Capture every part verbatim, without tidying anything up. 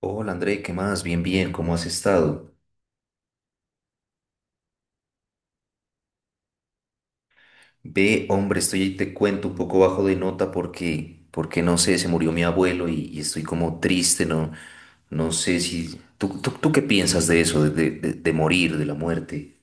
Hola André, ¿qué más? Bien, bien, ¿cómo has estado? Ve, hombre, estoy ahí, te cuento un poco bajo de nota porque, porque no sé, se murió mi abuelo y, y estoy como triste, no, no sé si... ¿Tú, tú, tú qué piensas de eso, de, de- de- de morir, de la muerte?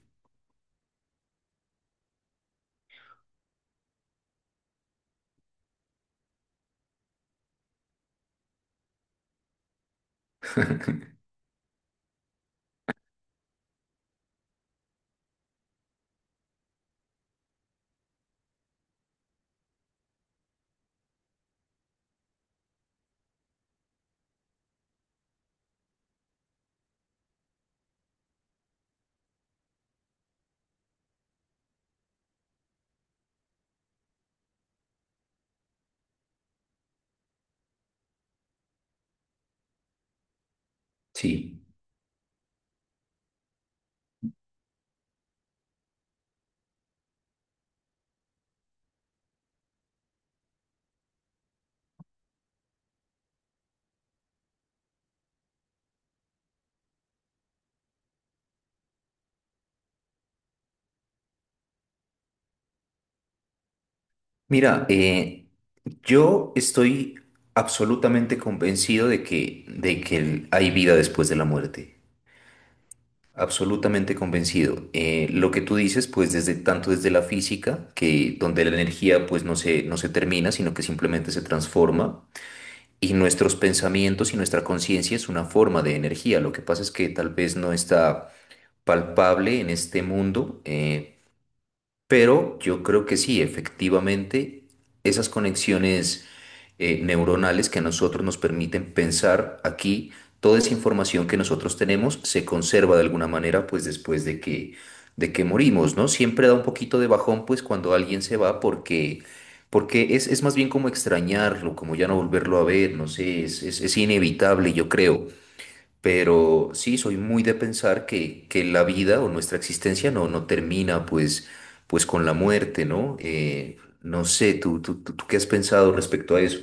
Sí. Mira, eh, yo estoy absolutamente convencido de que, de que hay vida después de la muerte. Absolutamente convencido. Eh, lo que tú dices, pues desde tanto desde la física, que donde la energía pues no se, no se termina, sino que simplemente se transforma, y nuestros pensamientos y nuestra conciencia es una forma de energía. Lo que pasa es que tal vez no está palpable en este mundo, eh, pero yo creo que sí, efectivamente, esas conexiones eh, neuronales que a nosotros nos permiten pensar aquí. Toda esa información que nosotros tenemos se conserva de alguna manera, pues después de que, de que morimos, ¿no? Siempre da un poquito de bajón, pues cuando alguien se va, porque, porque es, es más bien como extrañarlo, como ya no volverlo a ver, no sé, es, es, es inevitable, yo creo. Pero sí, soy muy de pensar que, que la vida o nuestra existencia no, no termina, pues, pues con la muerte, ¿no? Eh, no sé, ¿tú, tú, tú, tú qué has pensado respecto a eso?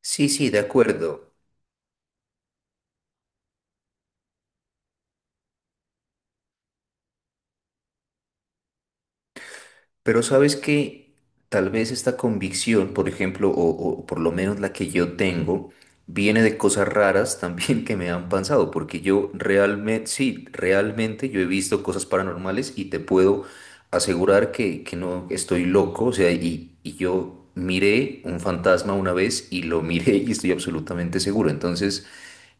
Sí, sí, de acuerdo. Pero sabes que tal vez esta convicción, por ejemplo, o, o por lo menos la que yo tengo, viene de cosas raras también que me han pasado, porque yo realmente, sí, realmente yo he visto cosas paranormales y te puedo asegurar que, que no estoy loco, o sea, y, y yo miré un fantasma una vez y lo miré y estoy absolutamente seguro. Entonces...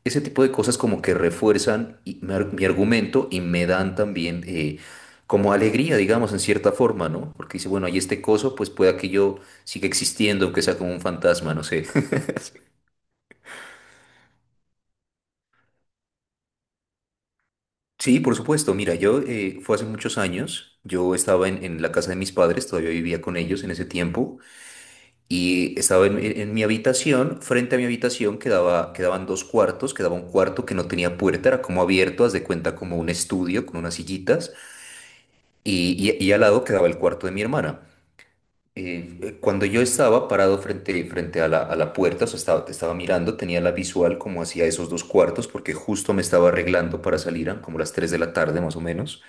ese tipo de cosas como que refuerzan y- mi, ar- mi argumento y me dan también eh, como alegría, digamos, en cierta forma, ¿no? Porque dice, bueno, hay este coso, pues pueda que yo siga existiendo, aunque sea como un fantasma, no sé. Sí, por supuesto. Mira, yo eh, fue hace muchos años. Yo estaba en, en la casa de mis padres, todavía vivía con ellos en ese tiempo, y estaba en, en- en mi habitación. Frente a mi habitación quedaba, quedaban dos cuartos, quedaba un cuarto que no tenía puerta, era como abierto, haz de cuenta como un estudio con unas sillitas. Y, y- y al lado quedaba el cuarto de mi hermana. Eh, eh, cuando yo estaba parado frente, frente a la, a la puerta, o sea, estaba, estaba mirando, tenía la visual como hacia esos dos cuartos, porque justo me estaba arreglando para salir, eran como las tres de la tarde más o menos.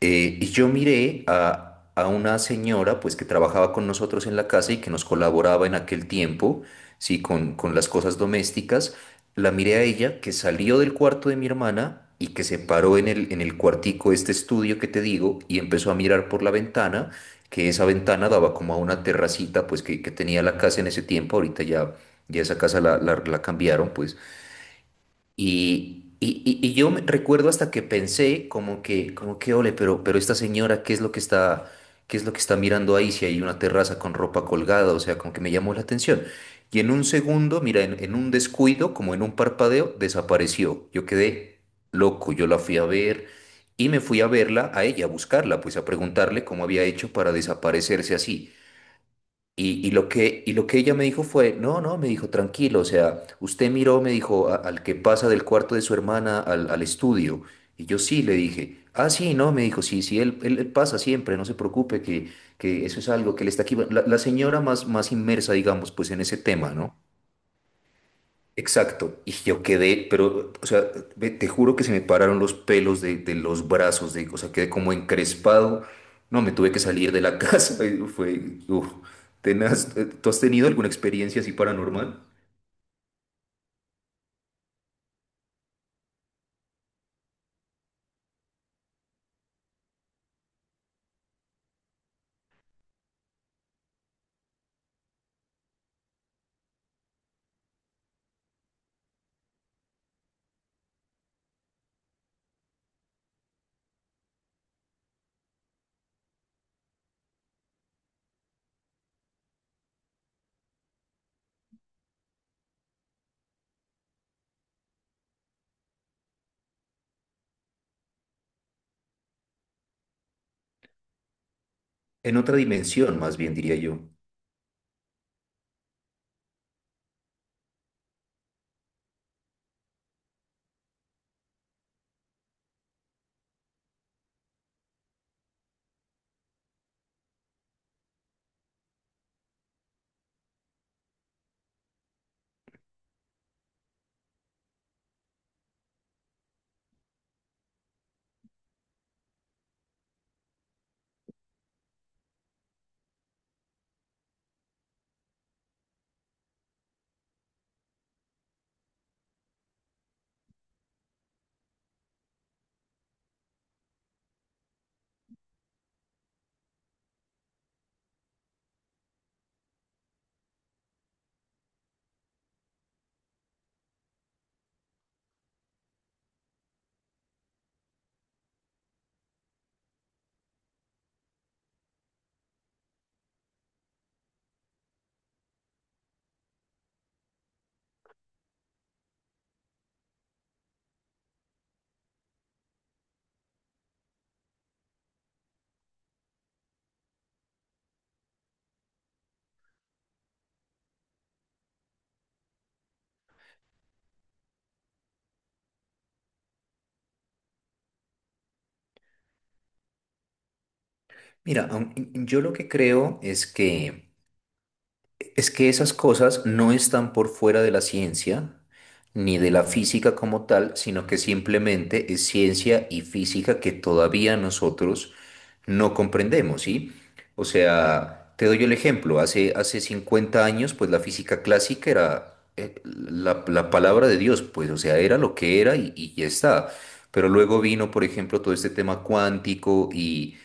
Eh, y yo miré a, a una señora, pues, que trabajaba con nosotros en la casa y que nos colaboraba en aquel tiempo, sí, con, con las cosas domésticas. La miré a ella, que salió del cuarto de mi hermana y que se paró en el, en el cuartico, este estudio que te digo, y empezó a mirar por la ventana, que esa ventana daba como a una terracita, pues, que, que tenía la casa en ese tiempo. Ahorita ya, ya esa casa la, la la cambiaron, pues. Y, y, y- y yo me- recuerdo hasta que pensé como que, como que, ole, pero, pero esta señora, ¿qué es lo que está, qué es lo que está mirando ahí si hay una terraza con ropa colgada? O sea, como que me llamó la atención. Y en un segundo, mira, en, en un descuido, como en un parpadeo, desapareció. Yo quedé loco, yo la fui a ver y me fui a verla, a ella, a buscarla, pues a preguntarle cómo había hecho para desaparecerse así. Y, y lo que, y lo que ella me dijo fue, no, no, me dijo, tranquilo, o sea, usted miró, me dijo, "a- al que pasa del cuarto de su hermana al, al estudio. Y yo sí, le dije, ah, sí, no, me dijo, sí, sí, él, él, él pasa siempre, no se preocupe, que, que eso es algo que le está aquí. Bueno, La, la señora más, más inmersa, digamos, pues en ese tema, ¿no? Exacto, y yo quedé, pero, o sea, ve- te juro que se me pararon los pelos de, de los brazos, de, o sea, quedé como encrespado, no, me tuve que salir de la casa, y fue, uf, tenaz. Eh, ¿Tú has tenido alguna experiencia así paranormal? En otra dimensión, más bien, diría yo. Mira, aun- en- yo lo que creo es que, es que esas cosas no están por fuera de la ciencia, ni de la física como tal, sino que simplemente es ciencia y física que todavía nosotros no comprendemos, ¿sí? O sea, te doy el ejemplo, hace, hace cincuenta años, pues la física clásica era eh, la, la palabra de Dios, pues, o sea, era lo que era y, y ya está. Pero luego vino, por ejemplo, todo este tema cuántico y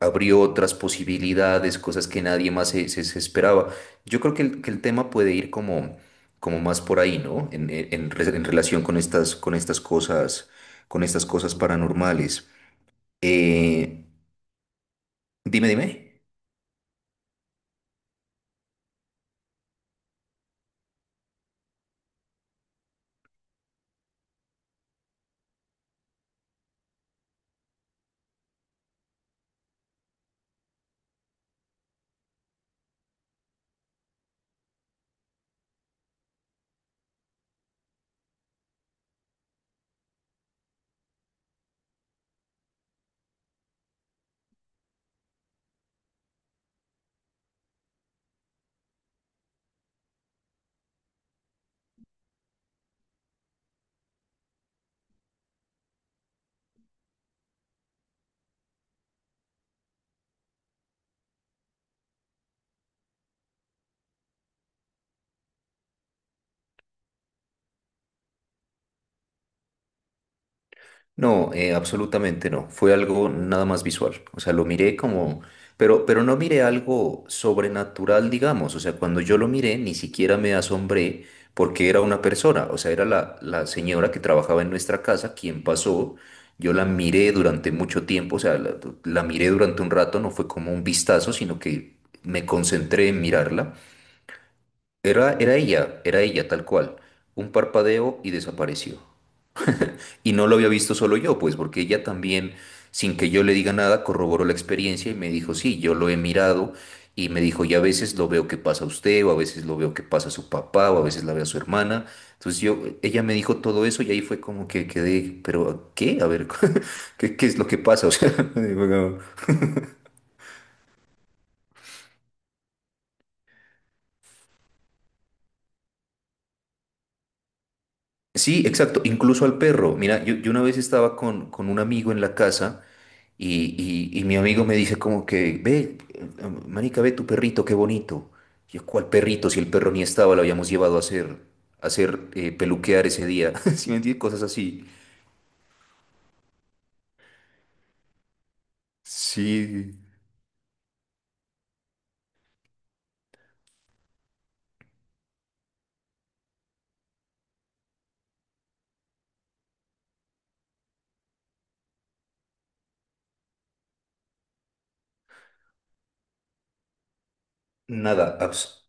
abrió otras posibilidades, cosas que nadie más se, se- se esperaba. Yo creo que el, que el tema puede ir como, como más por ahí, ¿no? En, en- en re- en relación con estas, con estas cosas, con estas cosas paranormales. Eh, dime, dime. No, eh, absolutamente no. Fue algo nada más visual. O sea, lo miré como, pero, pero no miré algo sobrenatural, digamos. O sea, cuando yo lo miré, ni siquiera me asombré porque era una persona. O sea, era la, la señora que trabajaba en nuestra casa quien pasó. Yo la miré durante mucho tiempo. O sea, la, la miré durante un rato. No fue como un vistazo, sino que me concentré en mirarla. Era, era ella, era ella tal cual. Un parpadeo y desapareció. Y no lo había visto solo yo, pues porque ella también, sin que yo le diga nada, corroboró la experiencia y me dijo, sí, yo lo he mirado y me dijo, y a veces lo veo que pasa a usted, o a veces lo veo que pasa a su papá, o a veces la ve a su hermana. Entonces yo, ella me dijo todo eso y ahí fue como que quedé, pero ¿qué? A ver, ¿qué, qué es lo que pasa? O sea, digo, "No". Sí, exacto, incluso al perro. Mira, yo, yo una vez estaba con, con un amigo en la casa. Y, y- y mi amigo me dice como que, ve, eh, marica, ve tu perrito, qué bonito. Y yo, ¿cuál perrito? Si el perro ni estaba, lo habíamos llevado a hacer, a hacer eh, peluquear ese día. Si me entiendes? Cosas así. Sí. Nada, abs-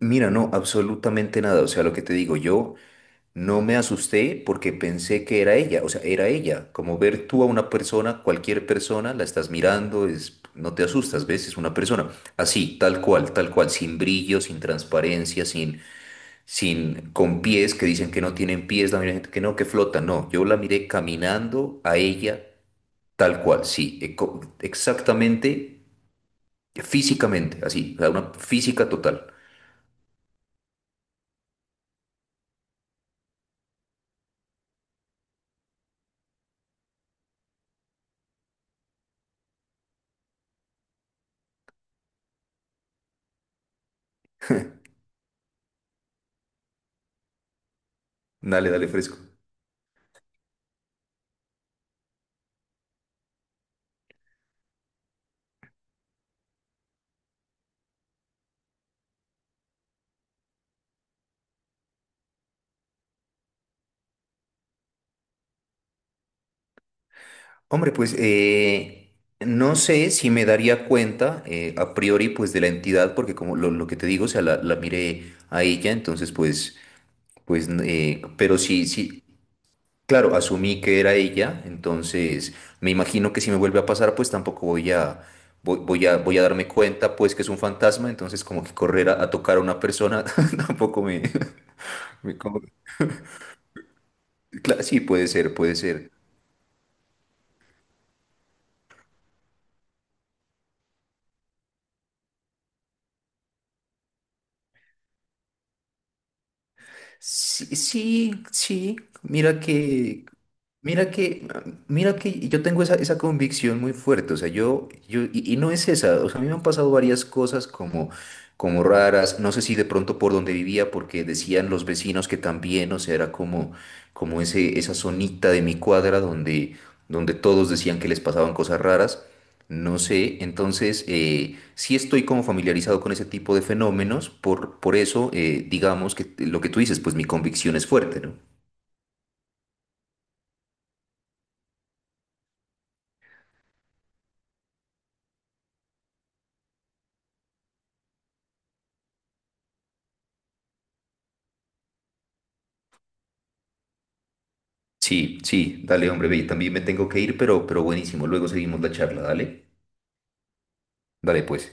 mira, no, absolutamente nada. O sea, lo que te digo, yo no me asusté porque pensé que era ella. O sea, era ella. Como ver tú a una persona, cualquier persona, la estás mirando, es, no te asustas, ¿ves? Es una persona. Así, tal cual, tal cual, sin brillo, sin transparencia, sin sin, con pies que dicen que no tienen pies, la gente que no, que flotan. No, yo la miré caminando a ella tal cual, sí, eco- exactamente, físicamente, así, o sea, una física total. Dale, dale, fresco. Hombre, pues eh, no sé si me daría cuenta eh, a priori pues de la entidad, porque como lo, lo que te digo, o sea, la, la miré a ella, entonces pues, pues, eh, pero sí, sí. Claro, asumí que era ella, entonces me imagino que si me vuelve a pasar, pues tampoco voy a, voy, voy a, voy a darme cuenta, pues que es un fantasma, entonces como que correr a, a tocar a una persona tampoco me, me como- Cla- sí, puede ser, puede ser. Sí, sí, sí, mira que, mira que, mira que yo tengo esa, esa convicción muy fuerte, o sea, yo, yo, y, y no es esa, o sea, a mí me han pasado varias cosas como, como raras, no sé si de pronto por donde vivía, porque decían los vecinos que también, o sea, era como, como ese, esa zonita de mi cuadra donde, donde todos decían que les pasaban cosas raras, no sé, entonces eh, sí estoy como familiarizado con ese tipo de fenómenos, por, por eso, eh, digamos que lo que tú dices, pues mi convicción es fuerte, ¿no? Sí, sí, dale, hombre, ve, también me tengo que ir, pero, pero buenísimo. Luego seguimos la charla, dale. Dale, pues.